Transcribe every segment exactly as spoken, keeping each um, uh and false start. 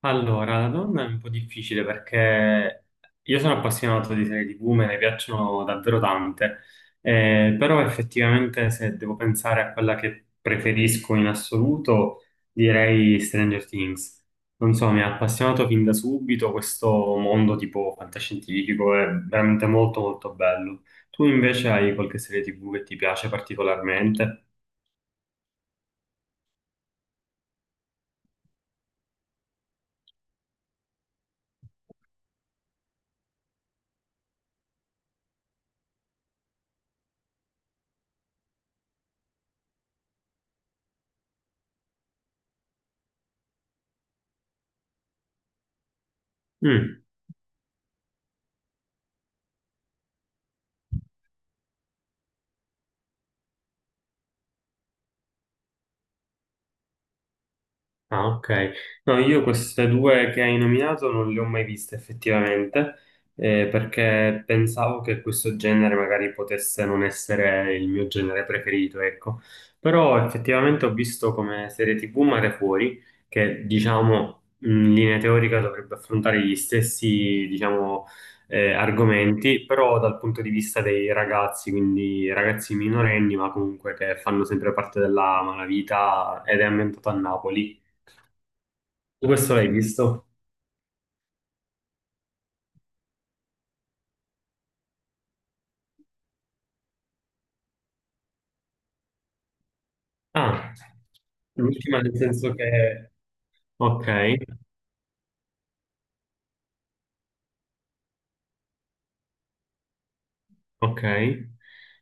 Allora, la donna è un po' difficile perché io sono appassionato di serie tivù, me ne piacciono davvero tante, eh, però effettivamente se devo pensare a quella che preferisco in assoluto, direi Stranger Things. Non so, mi ha appassionato fin da subito questo mondo tipo fantascientifico, è veramente molto molto bello. Tu invece hai qualche serie tivù che ti piace particolarmente? Mm. Ah, ok. No, io queste due che hai nominato non le ho mai viste effettivamente, eh, perché pensavo che questo genere magari potesse non essere il mio genere preferito, ecco. Però effettivamente ho visto come serie ti vu Mare Fuori, che diciamo in linea teorica dovrebbe affrontare gli stessi, diciamo, eh, argomenti, però dal punto di vista dei ragazzi, quindi ragazzi minorenni, ma comunque che fanno sempre parte della malavita ed è ambientato a Napoli. Tu questo l'hai visto? Ah, l'ultima nel senso che... Ok, ok.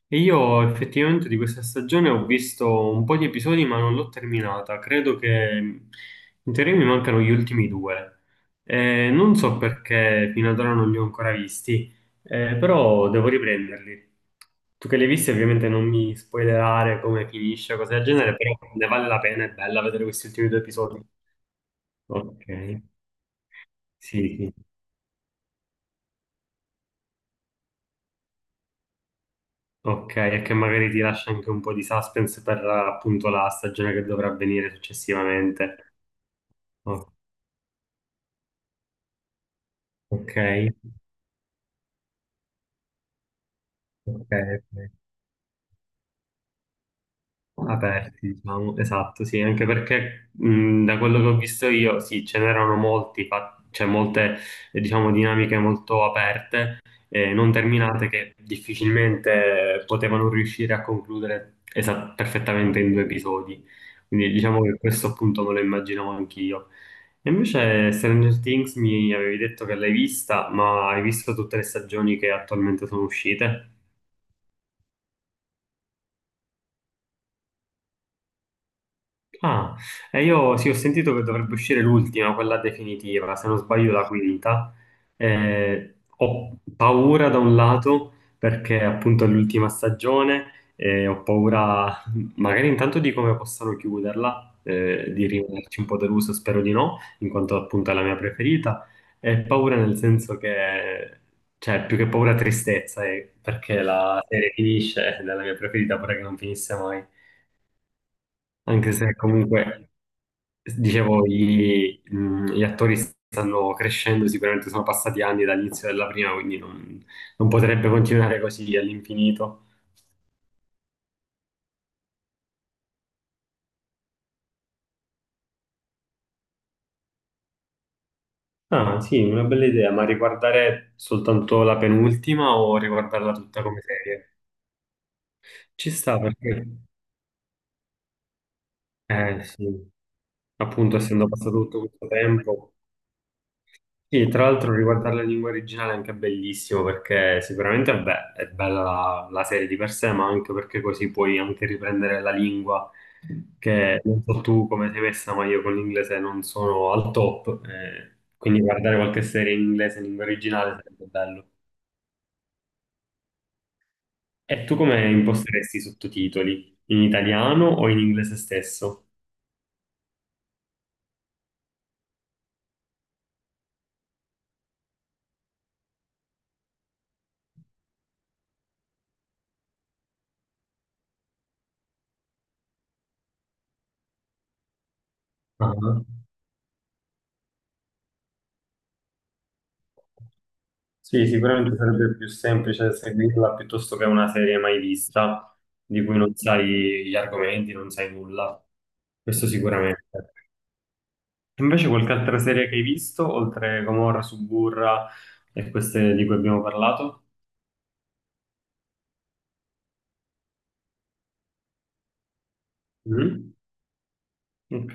E io effettivamente di questa stagione ho visto un po' di episodi, ma non l'ho terminata. Credo che in teoria mi mancano gli ultimi due. Eh, non so perché fino ad ora non li ho ancora visti, eh, però devo riprenderli. Tu che li hai visti, ovviamente non mi spoilerare come finisce, cose del genere, però ne vale la pena, è bella vedere questi ultimi due episodi. Ok, sì, sì. Ok, e che magari ti lascia anche un po' di suspense per appunto la stagione che dovrà avvenire successivamente. Oh, ok, ok, ok. Aperti, diciamo, esatto, sì, anche perché mh, da quello che ho visto io, sì, ce n'erano molti, fa- cioè molte, eh, diciamo, dinamiche molto aperte, eh, non terminate, che difficilmente potevano riuscire a concludere esa- perfettamente in due episodi. Quindi diciamo che questo appunto me lo immaginavo anch'io. E invece Stranger Things mi avevi detto che l'hai vista, ma hai visto tutte le stagioni che attualmente sono uscite? Ah, e io sì, ho sentito che dovrebbe uscire l'ultima, quella definitiva, se non sbaglio la quinta. Eh, ho paura da un lato perché appunto è l'ultima stagione e ho paura magari intanto di come possano chiuderla, eh, di rimanerci un po' deluso, spero di no, in quanto appunto è la mia preferita, e paura nel senso che, cioè più che paura tristezza, eh, perché la serie finisce ed è la mia preferita, pure che non finisse mai, anche se comunque... Dicevo, gli, mh, gli attori stanno crescendo, sicuramente sono passati anni dall'inizio della prima, quindi non, non potrebbe continuare così all'infinito. Ah, sì, una bella idea, ma riguardare soltanto la penultima o riguardarla tutta come serie? Ci sta perché, eh sì, appunto, essendo passato tutto questo tempo. Sì, tra l'altro riguardare la lingua originale è anche bellissimo perché sicuramente vabbè, è bella la, la serie di per sé, ma anche perché così puoi anche riprendere la lingua che non so tu come sei messa, ma io con l'inglese non sono al top, eh, quindi guardare qualche serie in inglese in lingua originale sarebbe bello. E tu come imposteresti i sottotitoli? In italiano o in inglese stesso? Ah. Sì, sicuramente sarebbe più semplice seguirla piuttosto che una serie mai vista, di cui non sai gli argomenti, non sai nulla. Questo sicuramente. Invece qualche altra serie che hai visto, oltre Gomorra, Suburra e queste di cui abbiamo parlato? Mm? Ok.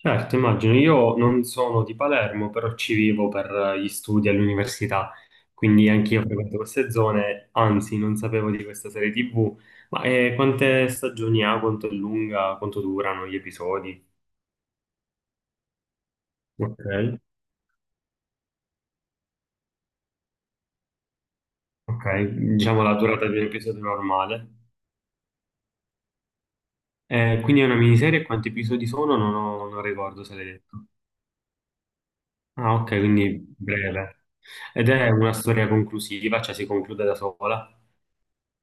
Certo, immagino, io non sono di Palermo, però ci vivo per eh, gli studi all'università, quindi anch'io frequento queste zone, anzi non sapevo di questa serie tivù, ma eh, quante stagioni ha, quanto è lunga, quanto durano gli episodi? Ok, ok, diciamo la durata di un episodio normale. Eh, quindi è una miniserie, quanti episodi sono? Non, ho- non ricordo se l'hai detto. Ah, ok, quindi breve. Ed è una storia conclusiva, cioè si conclude da sola.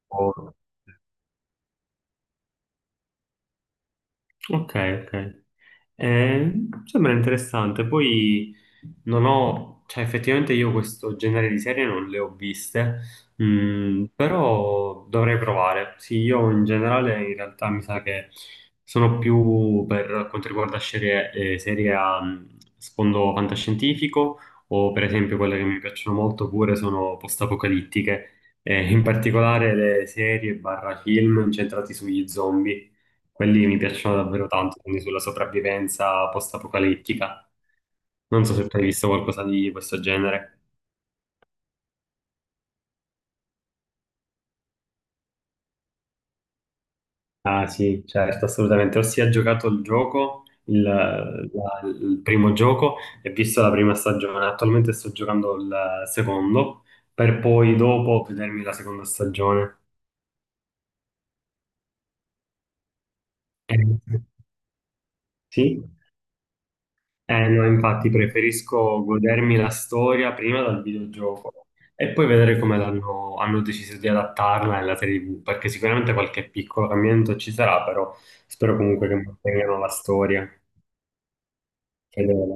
Oh. Ok, ok. Eh, Sembra interessante. Poi non ho, cioè effettivamente io questo genere di serie non le ho viste, mm, però dovrei provare. Sì, io in generale in realtà mi sa che sono più per quanto riguarda serie, eh, serie a mm, sfondo fantascientifico o per esempio quelle che mi piacciono molto pure sono post-apocalittiche, eh, in particolare le serie barra film incentrati sugli zombie. Quelli mi piacciono davvero tanto, quindi sulla sopravvivenza post-apocalittica. Non so se tu hai visto qualcosa di questo genere. Ah sì, certo, assolutamente. Ho sia giocato il gioco, il, la- il primo gioco, e visto la prima stagione. Attualmente sto giocando il secondo, per poi dopo vedermi la seconda stagione. Eh, Sì? Eh no, infatti preferisco godermi la storia prima dal videogioco e poi vedere come l'hanno- hanno deciso di adattarla nella serie tivù, perché sicuramente qualche piccolo cambiamento ci sarà, però spero comunque che mantengano la storia. Fedele.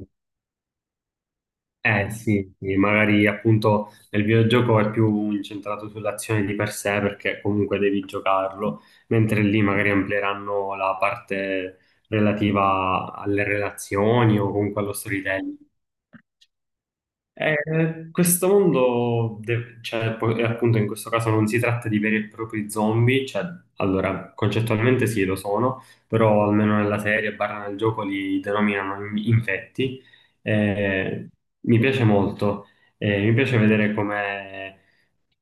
Eh sì, sì, magari appunto nel videogioco è più incentrato sull'azione di per sé perché comunque devi giocarlo, mentre lì magari amplieranno la parte relativa alle relazioni o comunque allo storytelling. Eh, questo mondo, de- cioè, po- e appunto in questo caso non si tratta di veri e propri zombie, cioè, allora, concettualmente sì, lo sono, però almeno nella serie, barra nel gioco, li denominano in- infetti. Eh, Mi piace molto, eh, mi piace vedere come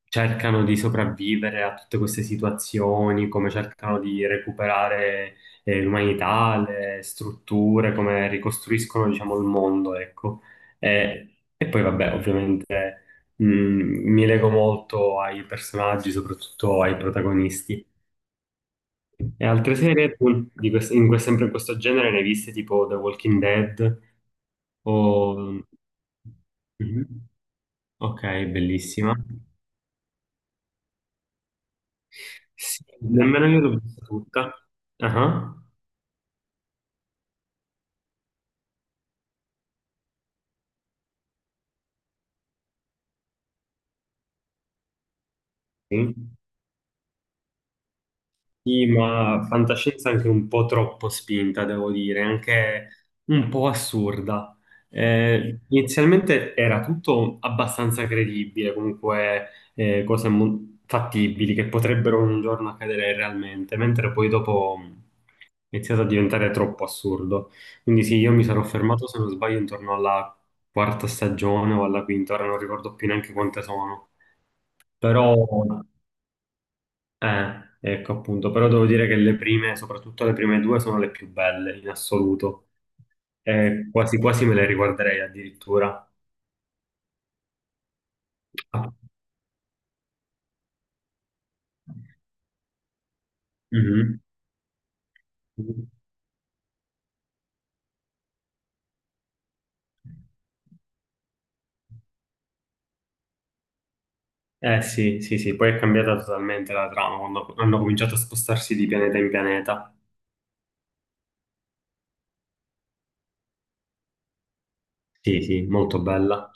cercano di sopravvivere a tutte queste situazioni, come cercano di recuperare, eh, l'umanità, le strutture, come ricostruiscono, diciamo, il mondo, ecco. Eh, e poi vabbè, ovviamente mh, mi lego molto ai personaggi, soprattutto ai protagonisti. E altre serie tu, di quest- in que- sempre in questo genere ne hai viste tipo The Walking Dead o... Mhm. Ok, bellissima. Sì, nemmeno io l'ho vista tutta. Ah, sì. Sì, ma fantascienza anche un po' troppo spinta, devo dire, anche un po' assurda. Eh, inizialmente era tutto abbastanza credibile, comunque eh, cose mo- fattibili che potrebbero un giorno accadere realmente, mentre poi dopo mh, è iniziato a diventare troppo assurdo. Quindi sì, io mi sarò fermato, se non sbaglio, intorno alla quarta stagione o alla quinta, ora non ricordo più neanche quante sono. Però eh, ecco appunto, però devo dire che le prime, soprattutto le prime due, sono le più belle in assoluto. Eh, quasi quasi me le riguarderei addirittura. Ah, mhm. Eh sì, sì, sì, poi è cambiata totalmente la trama quando hanno cominciato a spostarsi di pianeta in pianeta. Sì, sì, molto bella.